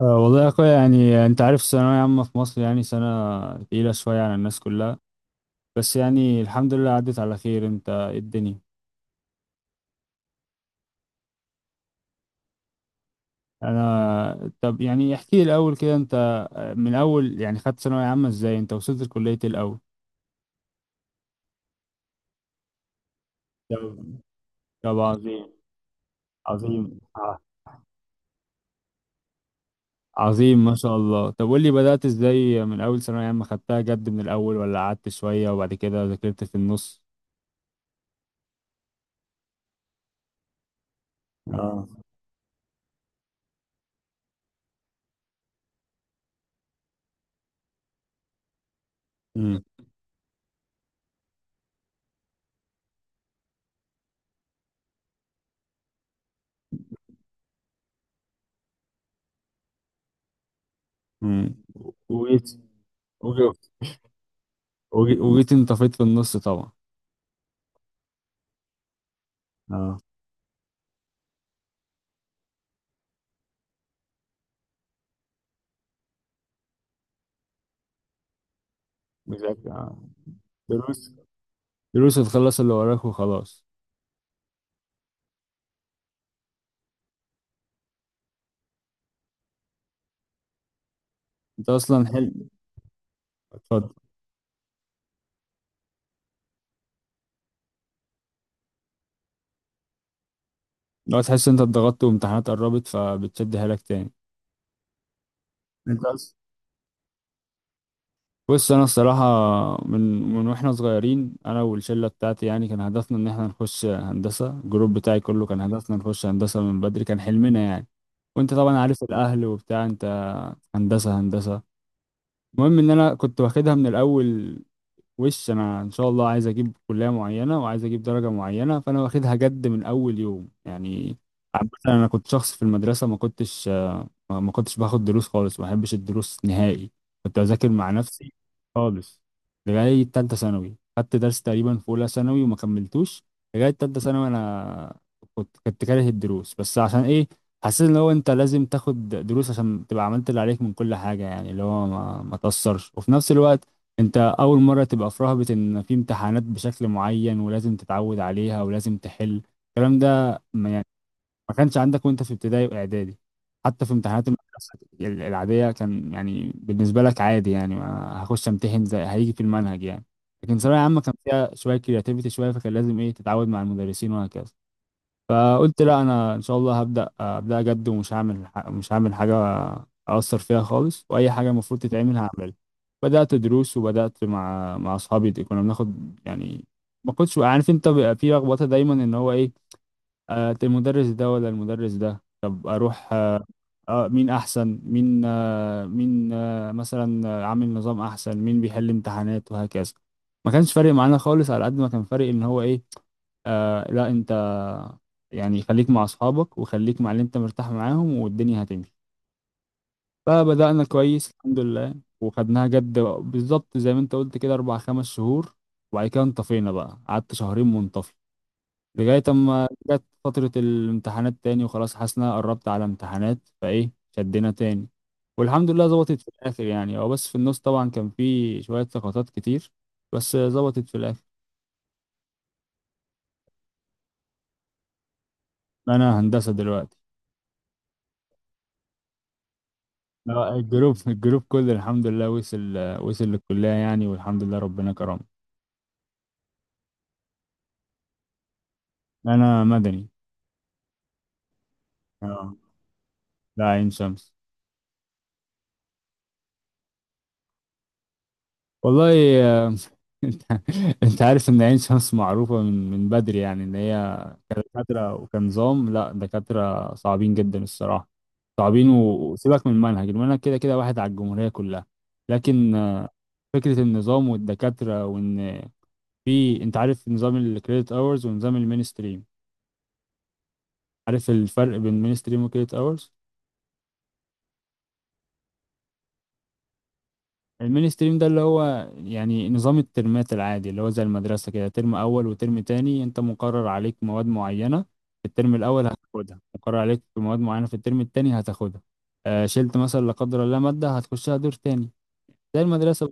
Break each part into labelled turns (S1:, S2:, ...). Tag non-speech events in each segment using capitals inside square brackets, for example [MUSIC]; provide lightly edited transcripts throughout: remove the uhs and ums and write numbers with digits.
S1: أه، والله يا اخويا، يعني انت عارف الثانوية عامة في مصر، يعني سنة تقيلة شوية على الناس كلها. بس يعني الحمد لله، عدت على خير. انت إيه الدنيا؟ انا، طب يعني احكي لي الاول كده. انت من اول، يعني خدت ثانوية عامة ازاي؟ انت وصلت لكلية إيه الاول؟ طب، طب عظيم. عظيم عظيم، ما شاء الله. طب قول لي بدأت ازاي؟ من اول ثانوية عامة خدتها جد من الاول، ولا قعدت شوية وبعد كده ذاكرت في النص؟ اه. امم امم وجيت انطفيت في النص طبعا. اه. مش عارف- دروس. دروس هتخلص اللي وراك وخلاص. انت اصلا حل. اتفضل. لو تحس انت اتضغطت وامتحانات قربت فبتشدها لك تاني. انت أص- بص، انا الصراحه من من واحنا صغيرين، انا والشله بتاعتي، يعني كان هدفنا ان احنا نخش هندسه. الجروب بتاعي كله كان هدفنا نخش هندسه من بدري، كان حلمنا يعني. وانت طبعا عارف الاهل وبتاع. انت هندسه، هندسه. المهم ان انا كنت واخدها من الاول. وش انا ان شاء الله عايز اجيب كليه معينه، وعايز اجيب درجه معينه، فانا واخدها جد من اول يوم يعني. عامة، انا كنت شخص في المدرسه ما كنتش ما كنتش باخد دروس خالص. ما بحبش الدروس نهائي. كنت بذاكر مع نفسي خالص. لغاية تالتة ثانوي. خدت درس تقريبا في أولى ثانوي وما كملتوش. لغاية تالتة ثانوي أنا كنت كاره الدروس، بس عشان إيه؟ حسيت إن هو أنت لازم تاخد دروس عشان تبقى عملت اللي عليك من كل حاجة. يعني اللي هو ما تأثرش، وفي نفس الوقت أنت أول مرة تبقى في رهبة إن في امتحانات بشكل معين، ولازم تتعود عليها، ولازم تحل الكلام ده. ما كانش عندك وانت في ابتدائي واعدادي، حتى في امتحانات المدرسه العاديه، كان يعني بالنسبه لك عادي. يعني ما هخش امتحن زي هيجي في المنهج يعني. لكن ثانويه عامه كان فيها شويه كرياتيفيتي شويه، فكان لازم ايه، تتعود مع المدرسين وهكذا. فقلت لا، انا ان شاء الله هبدا ابدا جد، ومش هعمل ح- مش هعمل حاجه اثر فيها خالص. واي حاجه المفروض تتعمل هعملها. بدات دروس، وبدات مع اصحابي. كنا بناخد يعني. ما كنتش عارف، انت بيبقى في لخبطه دايما ان هو ايه. المدرس ده ولا المدرس ده؟ طب اروح، مين احسن مين؟ مين مثلا عامل نظام احسن، مين بيحل امتحانات، وهكذا. ما كانش فارق معانا خالص، على قد ما كان فارق ان هو ايه. آه، لا انت، يعني خليك مع اصحابك، وخليك مع اللي انت مرتاح معاهم، والدنيا هتمشي. فبدأنا كويس الحمد لله. وخدناها جد بالظبط زي ما انت قلت كده، اربع خمس شهور. وبعد كده انطفينا بقى، قعدت شهرين منطفي، لغاية أما جت فترة الامتحانات تاني وخلاص، حاسس إن أنا قربت على امتحانات فإيه، شدنا تاني. والحمد لله ظبطت في الآخر. يعني هو بس في النص طبعا كان في شوية سقطات كتير، بس ظبطت في الآخر. أنا هندسة دلوقتي. لا، الجروب كله الحمد لله وصل للكلية يعني، والحمد لله ربنا كرمه. أنا مدني. آه. لا، عين شمس. والله [LAUGHS] آه، انت انت عارف ان عين شمس معروفة من بدري، يعني ان هي دكاترة وكنظام. لا، دكاترة صعبين جدا الصراحة. صعبين، وسيبك من المنهج كده كده واحد على الجمهورية كلها. لكن فكرة النظام والدكاترة وإن في، أنت عارف نظام الكريدت أورز ونظام المين ستريم؟ عارف الفرق بين المين ستريم والكريدت أورز؟ المين ستريم ده اللي هو يعني نظام الترمات العادي، اللي هو زي المدرسة كده، ترم أول وترم تاني، أنت مقرر عليك مواد معينة في الترم الأول هتاخدها، مقرر عليك في مواد معينة في الترم التاني هتاخدها. شلت مثلا لا قدر الله مادة، هتخشها دور تاني زي المدرسة.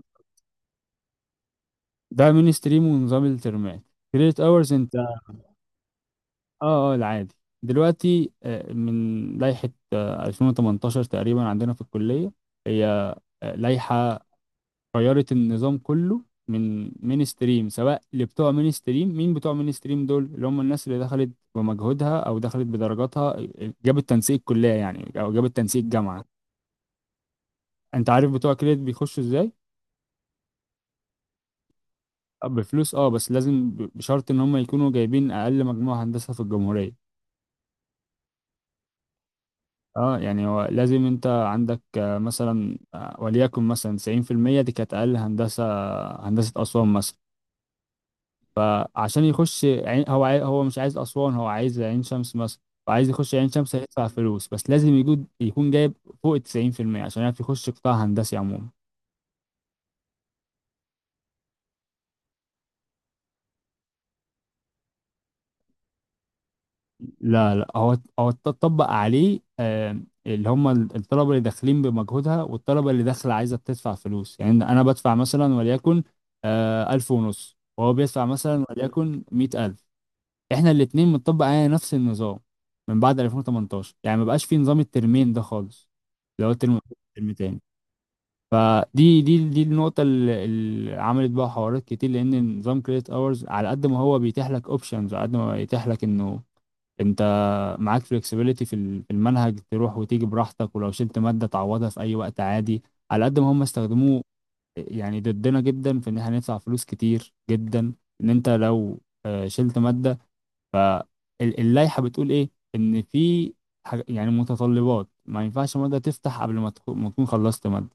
S1: ده مين ستريم ونظام الترمات. كريدت أورز أنت العادي. دلوقتي من لائحة 2018 تقريبا عندنا في الكلية، هي لائحة غيرت النظام كله من مين ستريم. سواء لبتوع مين ستريم، مين بتوع مين ستريم؟ دول اللي هم الناس اللي دخلت بمجهودها، او دخلت بدرجاتها، جابت تنسيق كلية يعني، او جابت تنسيق جامعة. انت عارف بتوع كريدت بيخشوا ازاي؟ بفلوس. اه بس لازم بشرط ان هم يكونوا جايبين اقل مجموع هندسة في الجمهورية. اه يعني هو لازم انت عندك مثلا وليكن مثلا 90%. دي كانت اقل هندسة، هندسة اسوان مثلا. فعشان يخش هو مش عايز أسوان، هو عايز عين شمس مثلا. فعايز يخش عين شمس هيدفع فلوس، بس لازم يجود يكون جايب فوق 90% عشان يعرف يخش قطاع هندسي عموما. لا، لا، هو اتطبق عليه، اللي هم الطلبة اللي داخلين بمجهودها، والطلبة اللي داخلة عايزة بتدفع فلوس. يعني أنا بدفع مثلا وليكن 1500، وهو بيدفع مثلا وليكن 100000. احنا الاتنين بنطبق علينا نفس النظام من بعد 2018. يعني ما بقاش في نظام الترمين ده خالص. لو الترم ترم تاني. فدي دي دي النقطة اللي عملت بقى حوارات كتير، لأن نظام كريدت اورز على قد ما هو بيتيح لك اوبشنز، على قد ما بيتيح لك إنه أنت معاك فلكسبيليتي في المنهج، تروح وتيجي براحتك، ولو شلت مادة تعوضها في أي وقت عادي، على قد ما هم استخدموه يعني ضدنا جدا في إن احنا ندفع فلوس كتير جدا. إن أنت لو شلت مادة، اللائحة بتقول ايه؟ ان في، يعني متطلبات، ما ينفعش مادة تفتح قبل ما تكون خلصت مادة.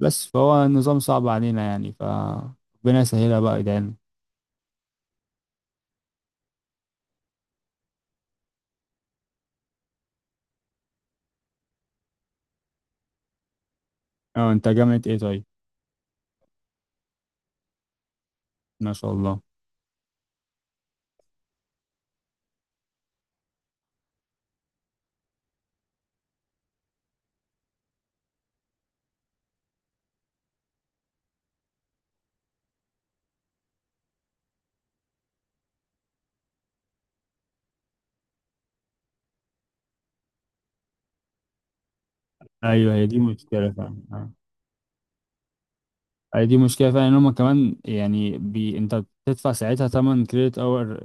S1: بس فهو النظام صعب علينا يعني، ف ربنا يسهلها بقى، ادعيلنا. اه، انت جامعة ايه طيب؟ ما شاء الله. ايوه هي دي مشكلة فعلا، اه. هي دي مشكلة فعلا، ان هما كمان يعني انت بتدفع ساعتها تمن كريدت اور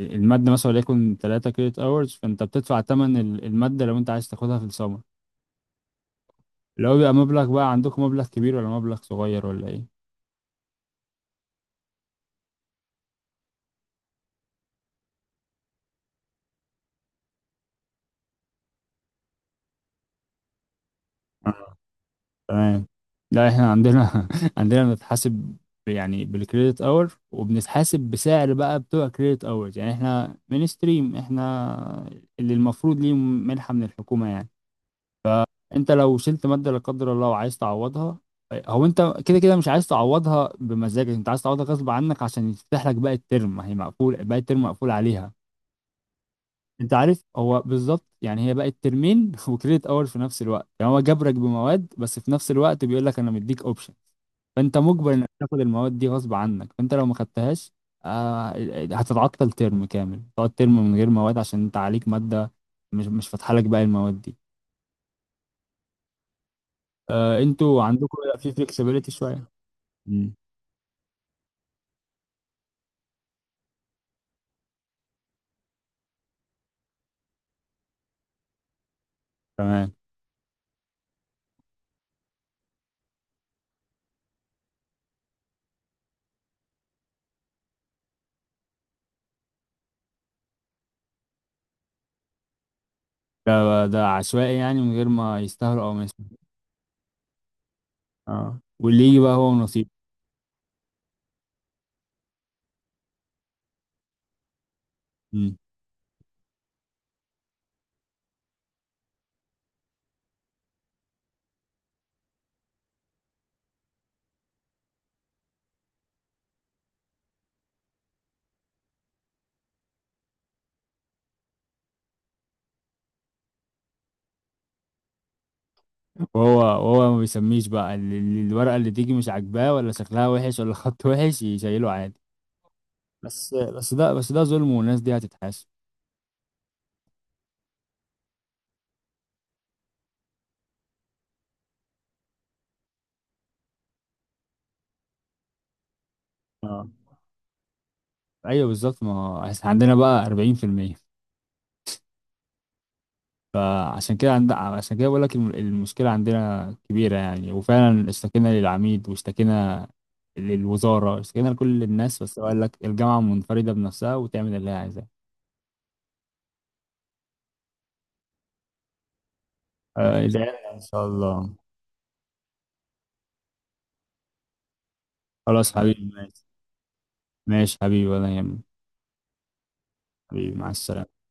S1: المادة، مثلا وليكن 3 كريدت اورز. فانت بتدفع تمن المادة لو انت عايز تاخدها في السمر. لو بيبقى مبلغ بقى، عندكم مبلغ كبير ولا مبلغ صغير ولا ايه؟ تمام. لا احنا عندنا [LAUGHS] عندنا بنتحاسب يعني بالكريدت اور، وبنتحاسب بسعر بقى بتوع كريدت اور، يعني احنا من ستريم احنا اللي المفروض ليه منحة من الحكومة يعني. انت لو شلت مادة لا قدر الله وعايز تعوضها، هو انت كده كده مش عايز تعوضها بمزاجك، انت عايز تعوضها غصب عنك عشان يفتح لك باقي الترم. ما هي مقفول باقي الترم مقفول عليها. انت عارف هو بالظبط يعني، هي بقت ترمين [LAUGHS] وكريدت اور في نفس الوقت. يعني هو جبرك بمواد، بس في نفس الوقت بيقول لك انا مديك اوبشن. فانت مجبر انك تاخد المواد دي غصب عنك. فانت لو ما خدتهاش، آه، هتتعطل ترم كامل. تقعد ترم من غير مواد عشان انت عليك ماده مش فاتحه لك باقي المواد دي. انتوا عندكم في فليكسبيليتي شويه. امم تمام. ده عشوائي يعني من غير ما يستاهلوا او ما يستاهلوا. اه، واللي يجي بقى هو نصيب. وهو ما بيسميش بقى الورقة اللي تيجي مش عاجباه، ولا شكلها وحش، ولا خط وحش، يشيله عادي. بس ده ظلم، والناس دي هتتحاسب. اه، ايوه بالظبط. ما هو إحنا عندنا بقى 40%. فعشان كده عشان كده بقول لك المشكلة عندنا كبيرة يعني. وفعلا اشتكينا للعميد، واشتكينا للوزارة، اشتكينا لكل الناس، بس قال لك الجامعة منفردة بنفسها وتعمل اللي هي عايزاه. زعلنا ان شاء الله. خلاص حبيبي ماشي. ماشي حبيبي ولا يهمك. حبيبي مع السلامة.